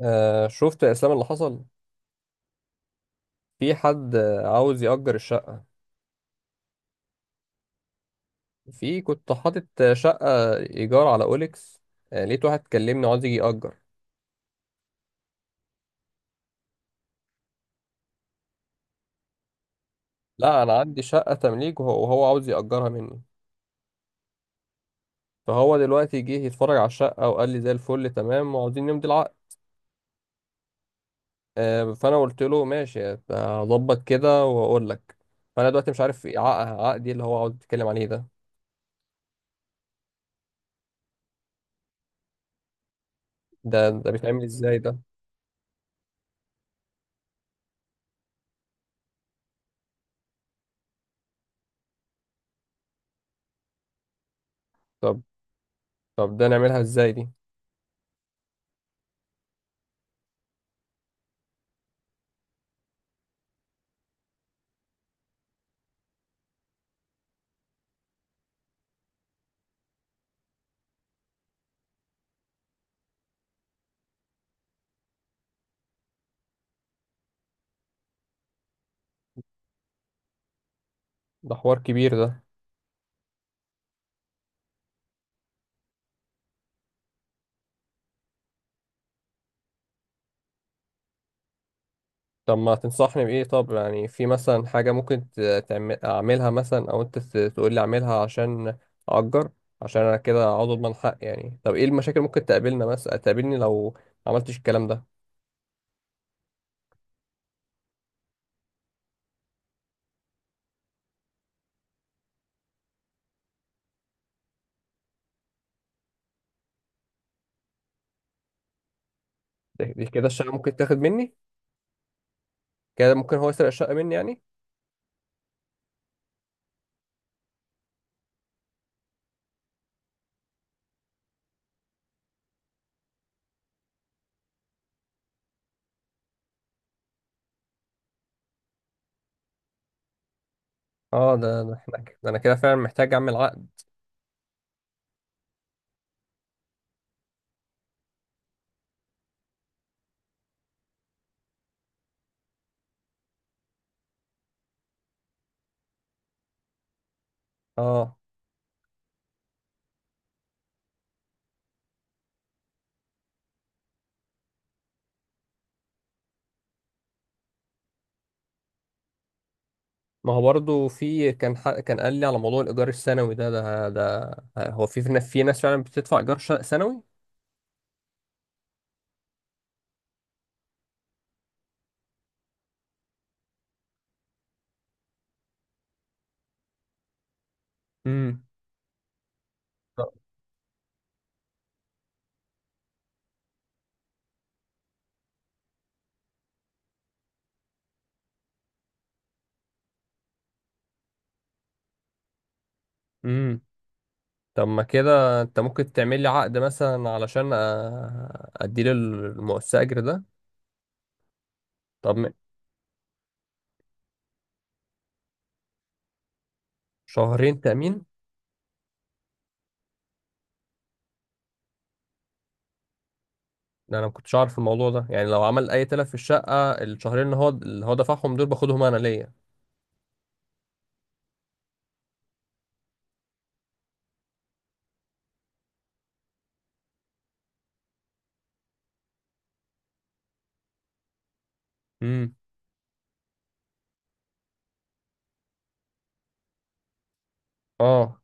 شفت يا اسلام اللي حصل؟ في حد عاوز يأجر الشقة. في كنت حاطط شقة إيجار على أوليكس. لقيت واحد كلمني عاوز يجي يأجر. لا، أنا عندي شقة تمليك وهو عاوز يأجرها مني. فهو دلوقتي جه يتفرج على الشقة وقال لي زي الفل، تمام وعاوزين نمضي العقد. فأنا قلت له ماشي، هظبط كده وأقول لك. فأنا دلوقتي مش عارف إيه عقدي اللي هو عاوز يتكلم عليه ده. ده بيتعمل إزاي ده؟ طب طب ده نعملها إزاي دي؟ ده حوار كبير ده. طب ما تنصحني بإيه؟ طب يعني في مثلا حاجة ممكن أعملها مثلا، أو أنت تقول لي أعملها عشان أأجر. عشان أنا كده عاوز أضمن حق يعني. طب إيه المشاكل ممكن تقابلنا مثلا تقابلني لو ما عملتش الكلام ده؟ دي كده الشقة ممكن تاخد مني؟ كده ممكن هو يسرق الشقة مني يعني؟ اه، ده ده احنا ك- ده أنا كده فعلا محتاج أعمل عقد. اه. ما هو برضه في كان حق، كان قال لي على موضوع الإيجار السنوي ده هو في ناس فعلا بتدفع إيجار شقة سنوي؟ امم. امم. طب ما كده انت ممكن تعمل لي عقد مثلا علشان اديله المؤسسة ده. طب م- شهرين تأمين؟ ده انا ما كنتش عارف الموضوع ده يعني. لو عمل اي تلف في الشقة، الشهرين اللي هو دفعهم دول باخدهم انا ليا؟ امم. اه.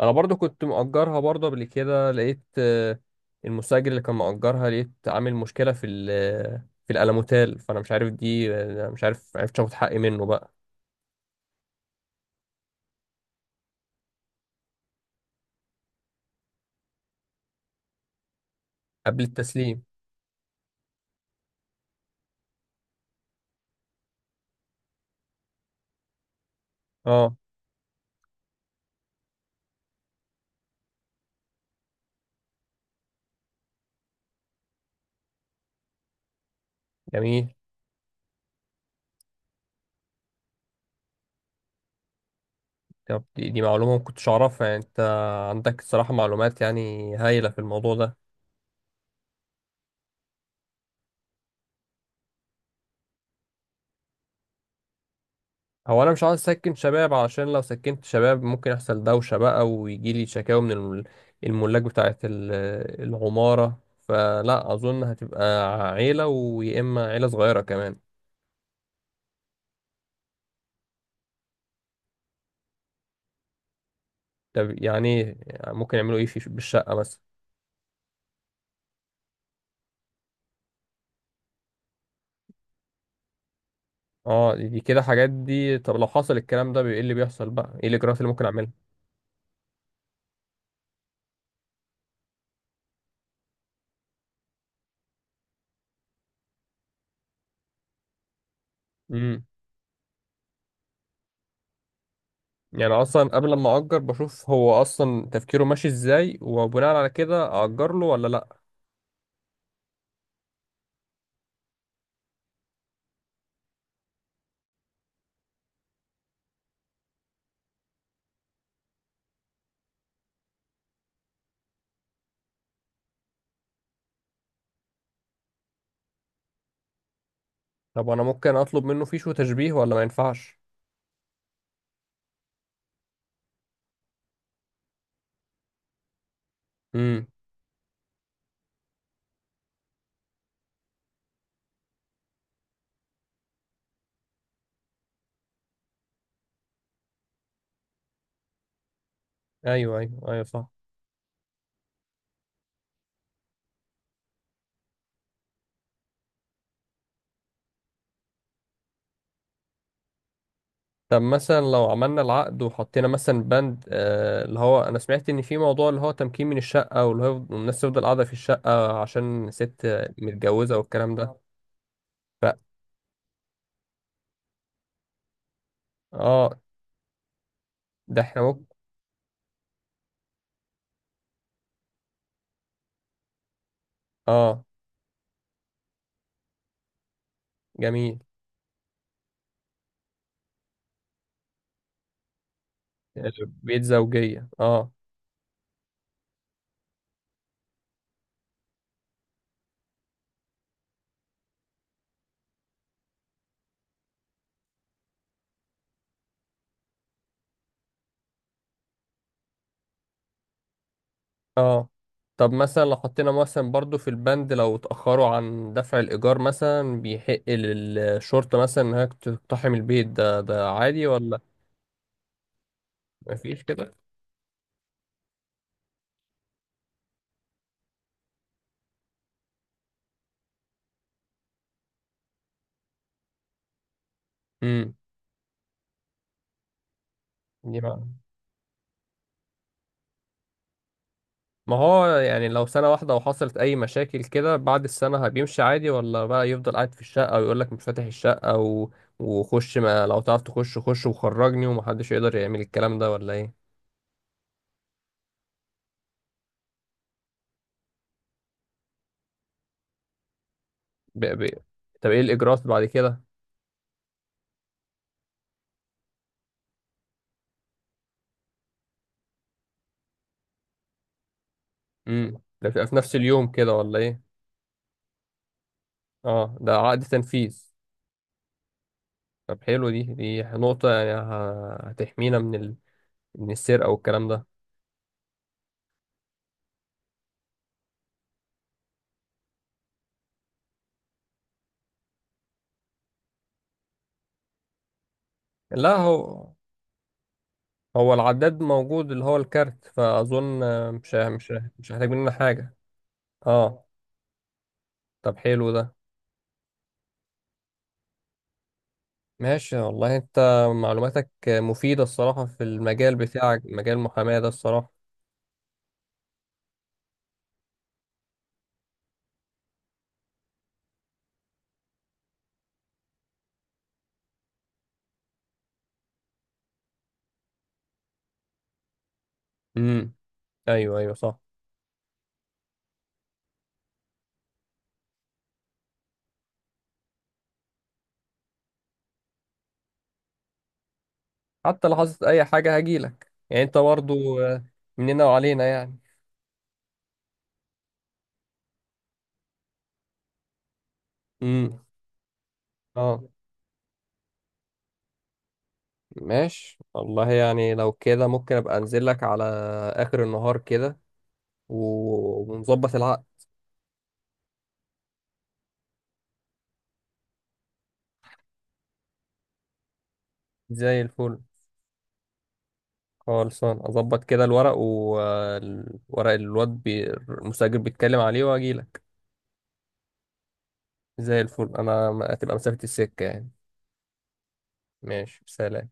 انا برضو كنت مأجرها، برضو قبل كده لقيت المستأجر اللي كان مأجرها لقيت عامل مشكلة في الألموتال. فانا مش عارف دي، مش عارف عرفت اخد حقي منه بقى. قبل التسليم. اه. جميل. طب دي معلومة ما كنتش أعرفها يعني. أنت عندك الصراحة معلومات يعني هايلة في الموضوع ده. هو أنا مش عاوز أسكن شباب، علشان لو سكنت شباب ممكن يحصل دوشة بقى، ويجي لي شكاوى من الملاك بتاعة العمارة، فلا أظن هتبقى عيلة، ويا إما عيلة صغيرة كمان. طب يعني إيه؟ يعني ممكن يعملوا إيه في بالشقة مثلا؟ اه، دي كده حاجات دي. طب لو حصل الكلام ده ايه اللي بيحصل بقى؟ ايه الاجراءات اللي ممكن اعملها؟ يعني اصلا قبل ما اجر بشوف هو اصلا تفكيره ماشي ازاي، وبناء على كده اجر له ولا لا. طب انا ممكن اطلب منه فيش وتشبيه ولا ما ينفعش؟ امم. ايوه، ايوه، ايوه، صح. طب مثلا لو عملنا العقد وحطينا مثلا بند اللي هو انا سمعت ان في موضوع اللي هو تمكين من الشقه، واللي هو الناس تفضل قاعده في الشقه عشان ست متجوزه والكلام ده. ف اه. ده احنا ممكن. اه. جميل. آه، بيت زوجيه. اه. اه. طب مثلا لو حطينا مثلا برضو في البند لو اتأخروا عن دفع الإيجار مثلا، بيحق للشرطة مثلا إنها تقتحم البيت ده؟ ده عادي ولا؟ مفيش كده؟ امم. دي بقى. ما هو يعني لو سنة واحدة وحصلت أي مشاكل كده بعد السنة بيمشي عادي، ولا بقى يفضل قاعد في الشقة ويقول لك مش فاتح الشقة وخش؟ ما لو تعرف تخش، خش وخرجني ومحدش يقدر يعمل الكلام ده ولا إيه؟ ب... ب... طب إيه الإجراءات بعد كده؟ امم. ده بتبقى في نفس اليوم كده ولا إيه؟ اه، ده عقد تنفيذ. طب حلو، دي دي نقطة يعني هتحمينا من السرقة والكلام ده. لا، هو العداد موجود اللي هو الكارت، فأظن مش هيحتاج مننا حاجة. اه. طب حلو ده. ماشي والله، انت معلوماتك مفيدة الصراحة في المجال بتاعك، مجال المحاماة ده الصراحة. امم. ايوه، ايوه، صح. حتى لو حصلت اي حاجة هجيلك يعني انت برضو مننا وعلينا يعني. امم. اه. ماشي والله، يعني لو كده ممكن ابقى انزل لك على اخر النهار كده ونظبط العقد. زي الفل. خالصان، اظبط كده الورق المستأجر بيتكلم عليه واجي لك. زي الفل، انا هتبقى مسافة السكة يعني. ماشي، سلام.